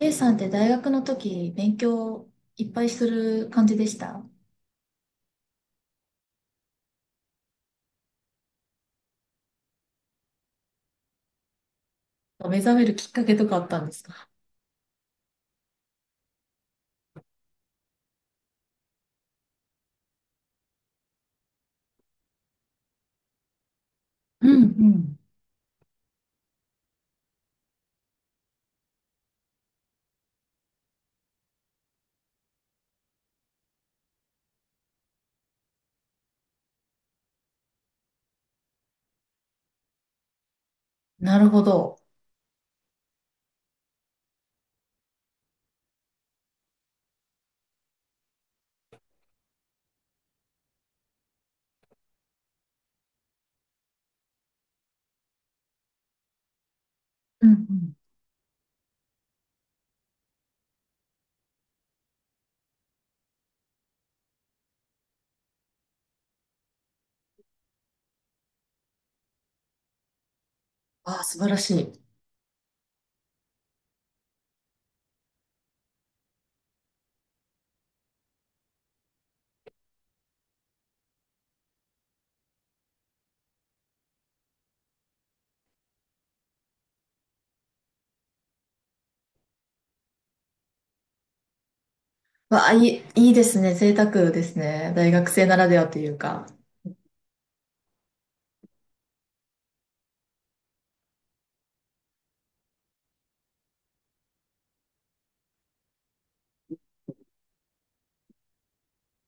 A さんって大学の時勉強いっぱいする感じでした？目覚めるきっかけとかあったんですか？うんうん。なるほど。うんうん。ああ、素晴らしい。わあ、いいですね。贅沢ですね。大学生ならではというか。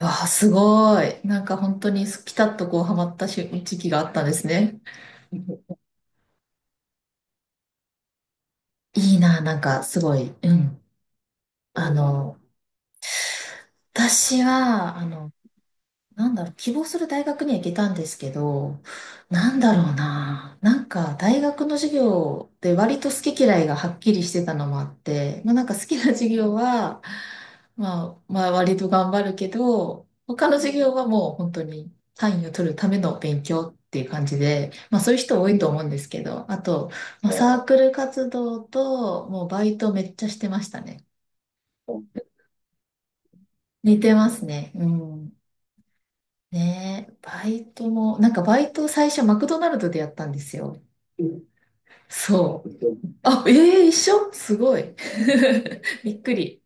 わあ、すごい。なんか本当にピタッとこうハマったし時期があったんですね。いいな、なんか、すごい。うんん。あの、私は、あの、なんだろう、希望する大学には行けたんですけど、なんだろうな、なんか、大学の授業で割と好き嫌いがはっきりしてたのもあって、まあ、なんか好きな授業は、まあ、割と頑張るけど、他の授業はもう本当に単位を取るための勉強っていう感じで、まあ、そういう人多いと思うんですけど、あと、まあ、サークル活動と、もうバイトめっちゃしてましたね。似てますね。うん。ねえ、バイトも、なんかバイト最初マクドナルドでやったんですよ。うん、そう。あ、ええ一緒すごい。びっくり。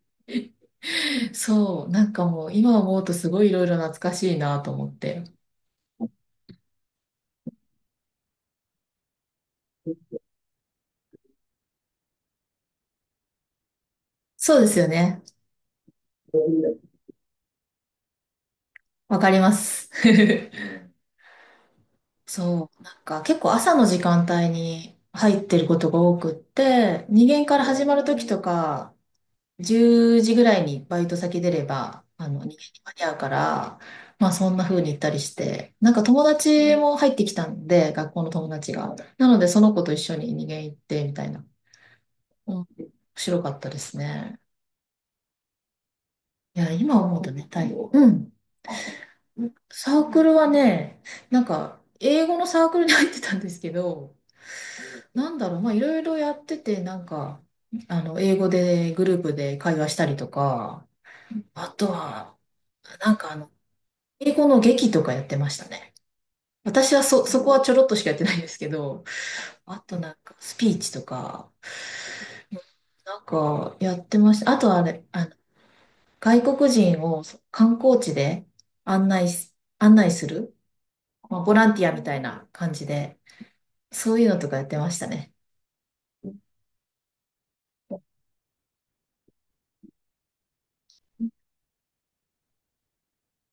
そう、なんかもう今思うとすごいいろいろ懐かしいなと思って。そうですよね。わかります。そう、なんか結構朝の時間帯に入ってることが多くって、2限から始まる時とか、10時ぐらいにバイト先出れば、あの、逃げに間に合うから、まあそんな風に行ったりして、なんか友達も入ってきたんで、学校の友達が。なのでその子と一緒に逃げ行ってみたいな。うん、面白かったですね。いや、今思うとね、大変。うん。サークルはね、なんか英語のサークルに入ってたんですけど、なんだろう、まあいろいろやってて、なんか、あの、英語でグループで会話したりとか、あとは、なんか英語の劇とかやってましたね。私はそこはちょろっとしかやってないんですけど、あとなんかスピーチとか、なんかやってました。あとあれ、あの、外国人をそ観光地で案内する、まあ、ボランティアみたいな感じで、そういうのとかやってましたね。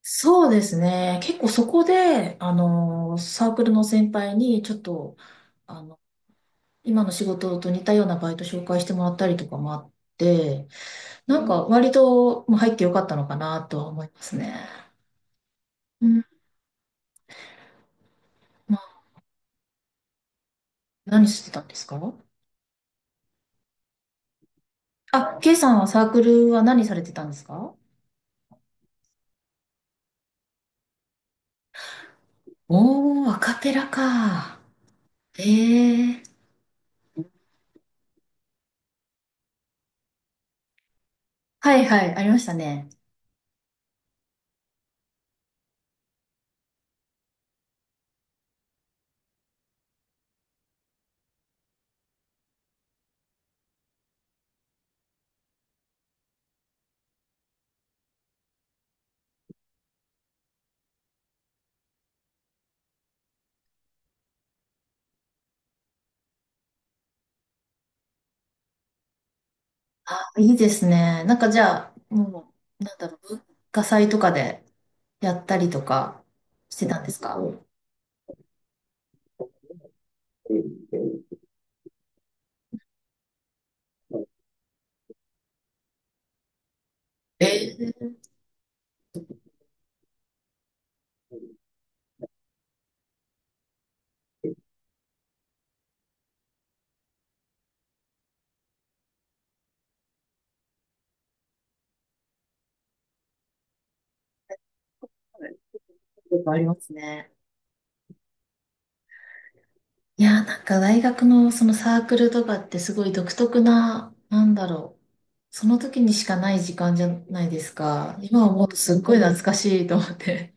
そうですね。結構そこで、あの、サークルの先輩に、ちょっと、あの、今の仕事と似たようなバイト紹介してもらったりとかもあって、なんか割ともう入ってよかったのかなとは思いますね。うん。まあ、何してたんですか？あ、ケイさんはサークルは何されてたんですか？おー、アカペラか。ええ、はいはい、ありましたね。あ、いいですね。なんかじゃあ、もう、なんだろう、文化祭とかでやったりとかしてたんですか？うん、えー、やありますね。いやー、なんか大学のそのサークルとかってすごい独特な、なんだろう。その時にしかない時間じゃないですか。今思うとすっごい懐かしいと思って。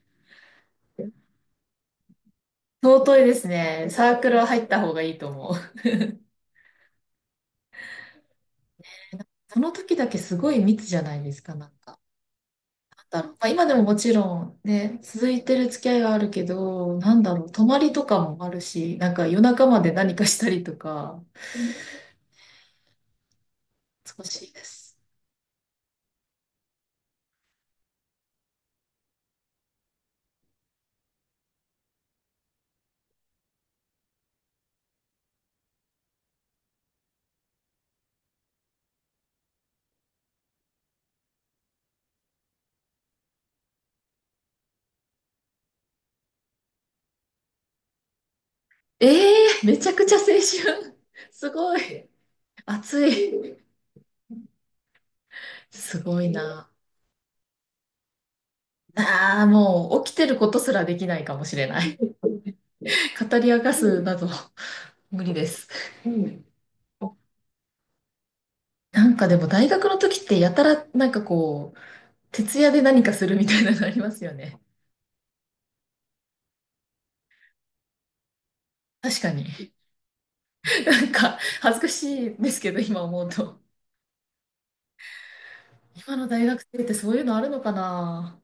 尊いですね。サークルは入った方がいいと思う。その時だけすごい密じゃないですか、なんか。なんだろう。まあ、今でももちろんね、続いてる付き合いはあるけど、なんだろう、泊まりとかもあるし、なんか夜中まで何かしたりとか、懐かしいです。ええー、めちゃくちゃ青春。すごい。暑い。すごいな。ああ、もう起きてることすらできないかもしれない。語り明かすなど、無理です。うん。なんかでも大学の時ってやたらなんかこう、徹夜で何かするみたいなのありますよね。確かに。なんか恥ずかしいですけど、今思うと。今の大学生ってそういうのあるのかな？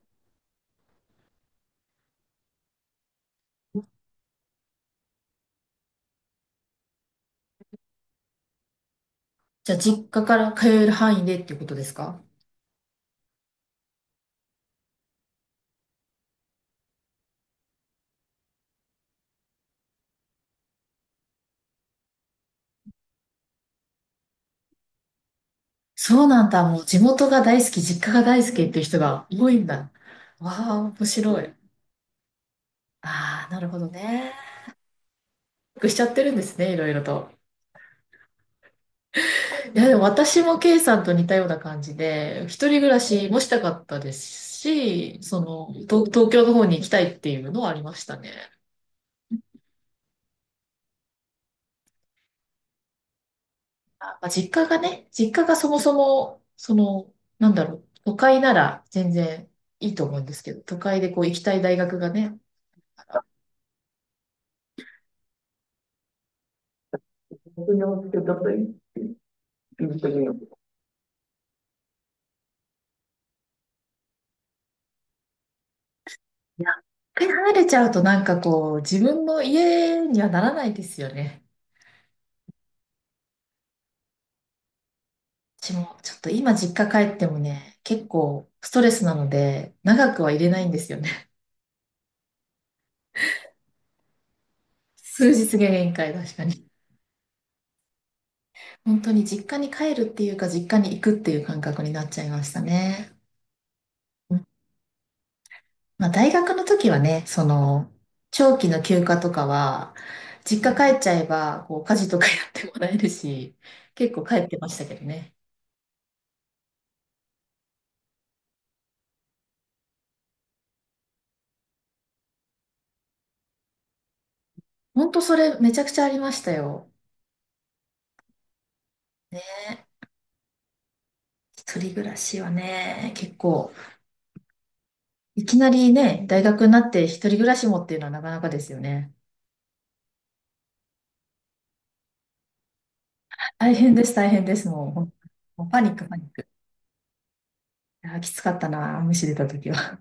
じゃあ実家から通える範囲でっていうことですか？そうなんだ。もう地元が大好き、実家が大好きっていう人が多いんだ。わあ、面白い。ああ、なるほどね。しちゃってるんですね、いろいろと。いや、でも私も K さんと似たような感じで、一人暮らしもしたかったですし、その、東京の方に行きたいっていうのはありましたね。あ、まあ、実家がそもそも、その、なんだろう、都会なら全然いいと思うんですけど、都会でこう行きたい大学がね、卒業してどこ行ってみよう。いや、一回離れちゃうとなんかこう、自分の家にはならないですよね。私もちょっと今実家帰ってもね、結構ストレスなので、長くは入れないんですよね。数日が限界、確かに。本当に実家に帰るっていうか、実家に行くっていう感覚になっちゃいましたね。うん。まあ、大学の時はね、その、長期の休暇とかは、実家帰っちゃえば、こう、家事とかやってもらえるし、結構帰ってましたけどね。本当それめちゃくちゃありましたよ。一人暮らしはね、結構いきなりね、大学になって一人暮らしもっていうのはなかなかですよね。大変です、大変です。もう、もうパニック、パニック。あー、きつかったな、虫出た時は。